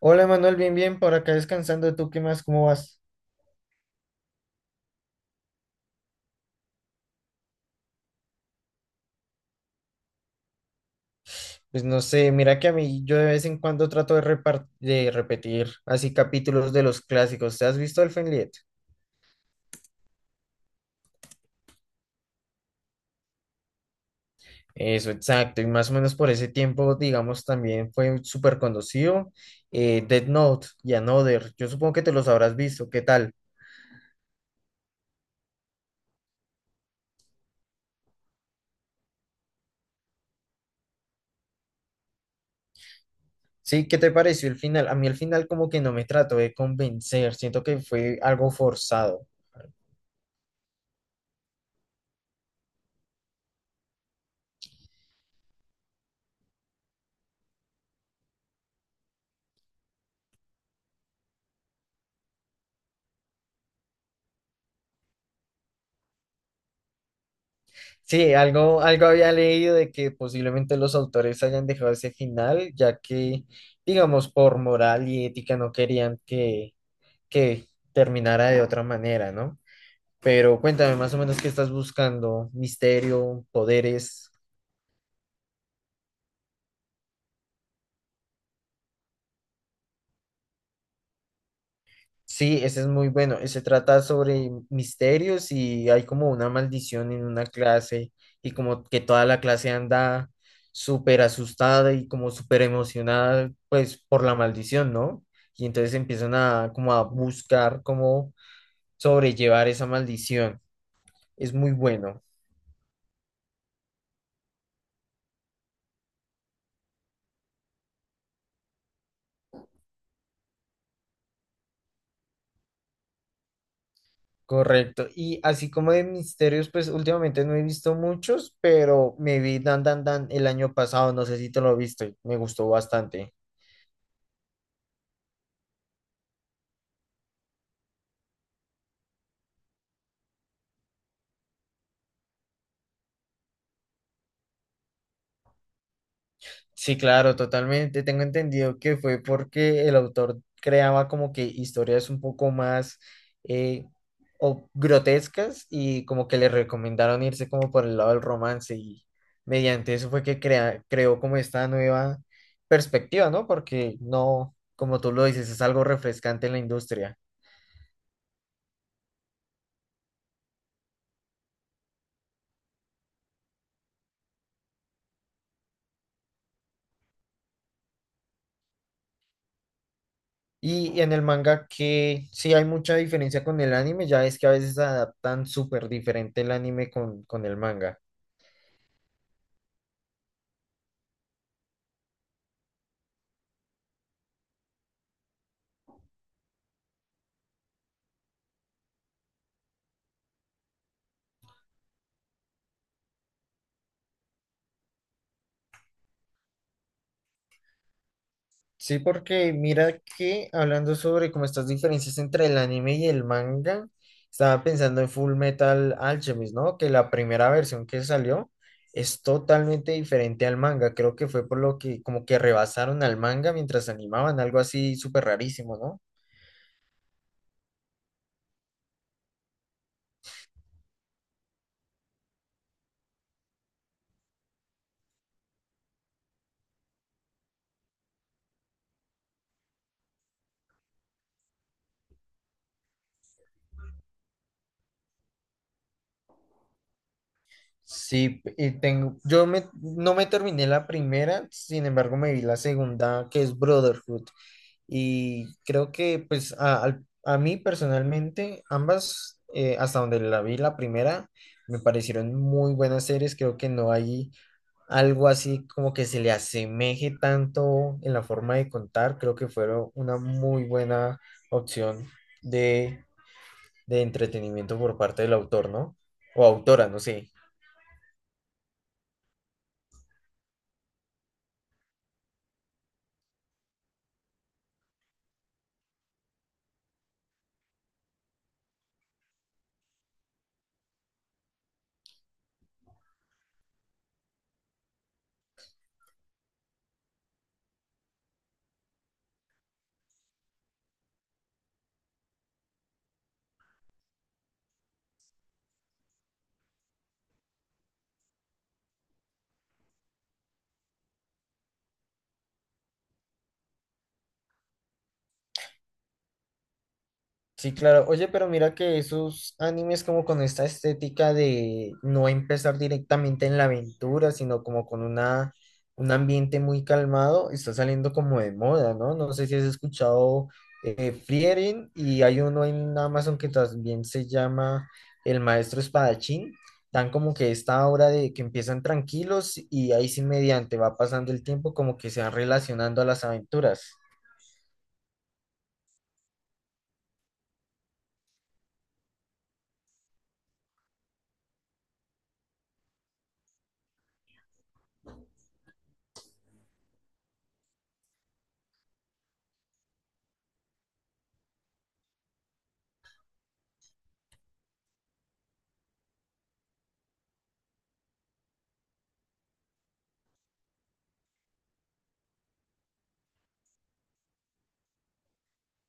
Hola Manuel, bien, bien, por acá descansando. ¿Tú qué más? ¿Cómo vas? Pues no sé, mira que a mí yo de vez en cuando trato de repetir así capítulos de los clásicos. ¿Te has visto el Fenliet? Eso, exacto. Y más o menos por ese tiempo, digamos, también fue súper conocido. Death Note y Another. Yo supongo que te los habrás visto. ¿Qué tal? Sí, ¿qué te pareció el final? A mí el final como que no me trató de convencer. Siento que fue algo forzado. Sí, algo había leído de que posiblemente los autores hayan dejado ese final, ya que, digamos, por moral y ética no querían que terminara de otra manera, ¿no? Pero cuéntame más o menos qué estás buscando, misterio, poderes. Sí, ese es muy bueno. Se trata sobre misterios y hay como una maldición en una clase y como que toda la clase anda súper asustada y como súper emocionada pues por la maldición, ¿no? Y entonces empiezan a como a buscar cómo sobrellevar esa maldición. Es muy bueno, correcto. Y así como de misterios, pues últimamente no he visto muchos, pero me vi Dan Dan Dan el año pasado, no sé si te lo viste, me gustó bastante. Sí, claro, totalmente. Tengo entendido que fue porque el autor creaba como que historias un poco más eh, o grotescas y como que le recomendaron irse como por el lado del romance y mediante eso fue que creó como esta nueva perspectiva, ¿no? Porque no, como tú lo dices, es algo refrescante en la industria. Y en el manga que sí hay mucha diferencia con el anime, ya es que a veces adaptan súper diferente el anime con el manga. Sí, porque mira que hablando sobre como estas diferencias entre el anime y el manga, estaba pensando en Full Metal Alchemist, ¿no? Que la primera versión que salió es totalmente diferente al manga. Creo que fue por lo que como que rebasaron al manga mientras animaban, algo así súper rarísimo, ¿no? Sí, y tengo, yo me, no me terminé la primera, sin embargo me vi la segunda, que es Brotherhood. Y creo que pues a mí personalmente ambas, hasta donde la vi la primera, me parecieron muy buenas series. Creo que no hay algo así como que se le asemeje tanto en la forma de contar. Creo que fueron una muy buena opción de, de entretenimiento por parte del autor, ¿no? O autora, no sé. Sí, claro. Oye, pero mira que esos animes como con esta estética de no empezar directamente en la aventura, sino como con un ambiente muy calmado, está saliendo como de moda, ¿no? No sé si has escuchado Frieren y hay uno en Amazon que también se llama El Maestro Espadachín. Dan como que esta obra de que empiezan tranquilos y ahí sí mediante va pasando el tiempo como que se van relacionando a las aventuras.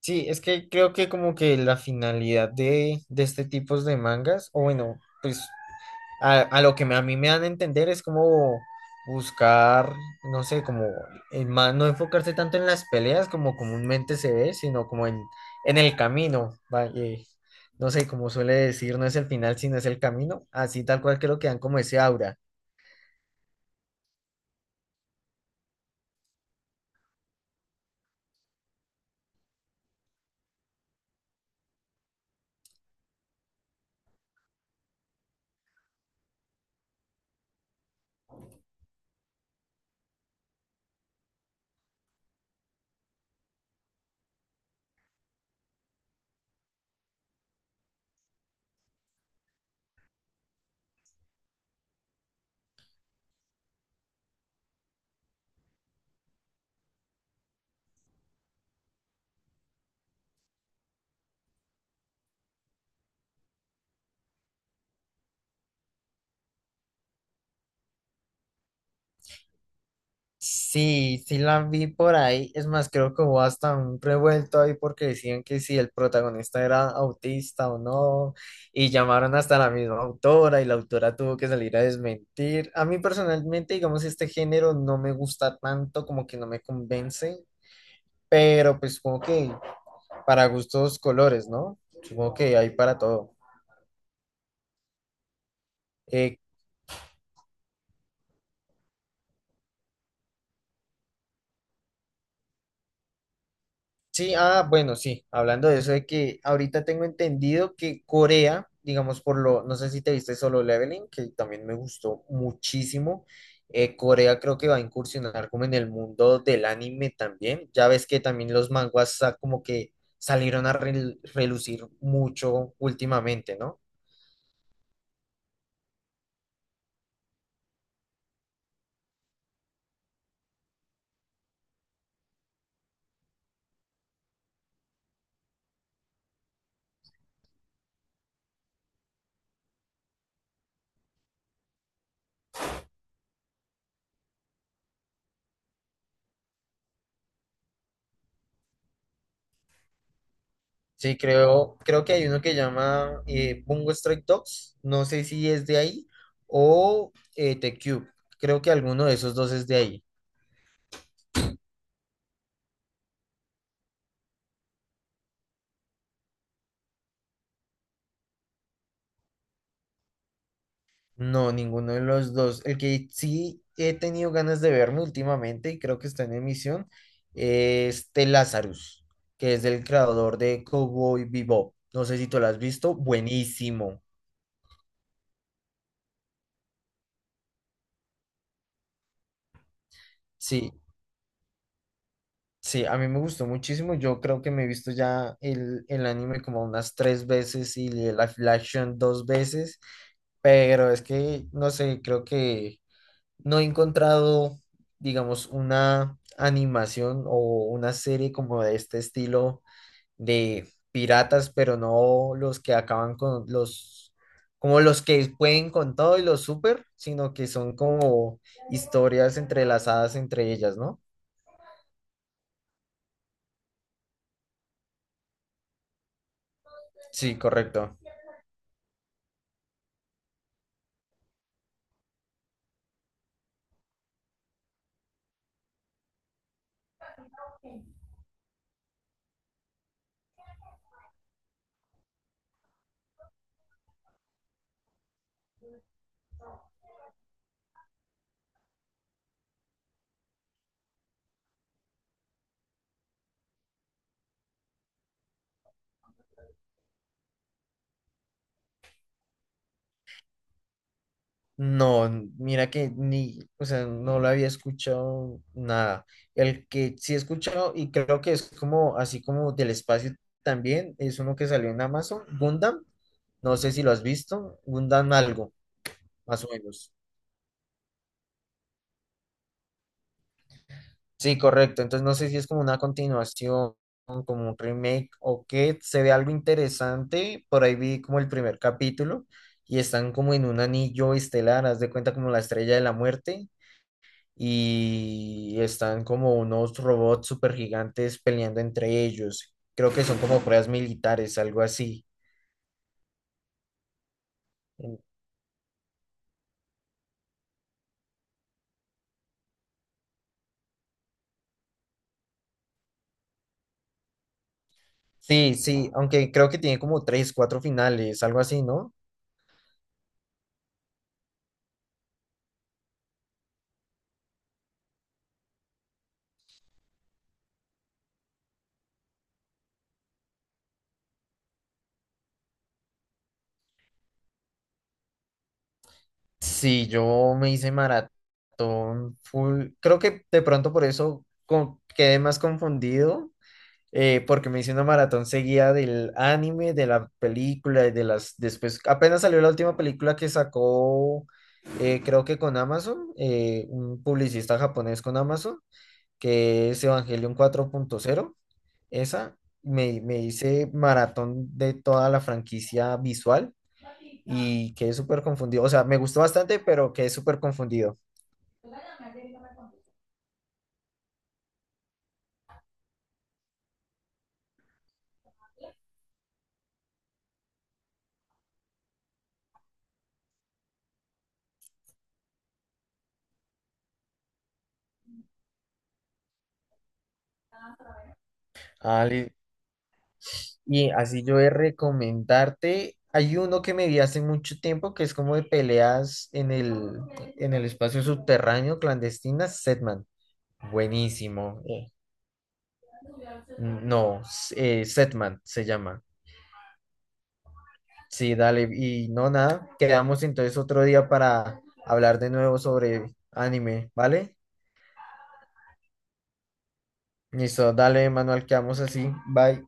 Sí, es que creo que como que la finalidad de este tipo de mangas, o bueno, pues a mí me dan a entender es como buscar, no sé, como en no enfocarse tanto en las peleas como comúnmente se ve, sino como en el camino, va, no sé, como suele decir, no es el final, sino es el camino, así tal cual creo que dan como ese aura. Sí, sí la vi por ahí. Es más, creo que hubo hasta un revuelto ahí porque decían que si el protagonista era autista o no. Y llamaron hasta la misma autora y la autora tuvo que salir a desmentir. A mí personalmente, digamos, este género no me gusta tanto, como que no me convence. Pero pues supongo que para gustos colores, ¿no? Supongo que hay para todo. Eh, Sí, ah, bueno, sí, hablando de eso de que ahorita tengo entendido que Corea, digamos por lo, no sé si te viste Solo Leveling, que también me gustó muchísimo, Corea creo que va a incursionar como en el mundo del anime también, ya ves que también los manguas como que salieron a relucir mucho últimamente, ¿no? Sí, creo, creo que hay uno que llama Bungo Stray Dogs, no sé si es de ahí, o The Cube, creo que alguno de esos dos es de ahí. No, ninguno de los dos. El que sí he tenido ganas de verme últimamente y creo que está en emisión es The Lazarus, que es el creador de Cowboy Bebop. No sé si tú lo has visto. Buenísimo. Sí, sí, a mí me gustó muchísimo. Yo creo que me he visto ya el anime como unas tres veces y el live action dos veces. Pero es que, no sé, creo que no he encontrado, digamos, una animación o una serie como de este estilo de piratas, pero no los que acaban con los, como los que pueden con todo y los super, sino que son como historias entrelazadas entre ellas, ¿no? Sí, correcto. No, mira que ni, o sea, no lo había escuchado nada. El que sí he escuchado y creo que es como así como del espacio también, es uno que salió en Amazon, Gundam, no sé si lo has visto, Gundam algo, más o menos. Sí, correcto, entonces no sé si es como una continuación, como un remake o qué, se ve algo interesante, por ahí vi como el primer capítulo y están como en un anillo estelar, haz de cuenta como la estrella de la muerte y están como unos robots super gigantes peleando entre ellos. Creo que son como pruebas militares, algo así. Sí, sí, aunque creo que tiene como tres, cuatro finales, algo así, ¿no? Sí, yo me hice maratón full. Creo que de pronto por eso quedé más confundido porque me hice una maratón seguida del anime, de la película y de las. Después, apenas salió la última película que sacó, creo que con Amazon, un publicista japonés con Amazon, que es Evangelion 4.0. Esa, me hice maratón de toda la franquicia visual y quedé súper confundido. O sea, me gustó bastante, pero quedé súper confundido. Ah, y así yo de recomendarte, hay uno que me vi hace mucho tiempo que es como de peleas en el espacio subterráneo clandestina, Setman. Buenísimo. No, Setman se llama. Sí, dale. Y no, nada, quedamos entonces otro día para hablar de nuevo sobre anime, ¿vale? Listo, dale, Manuel, quedamos así. Bye.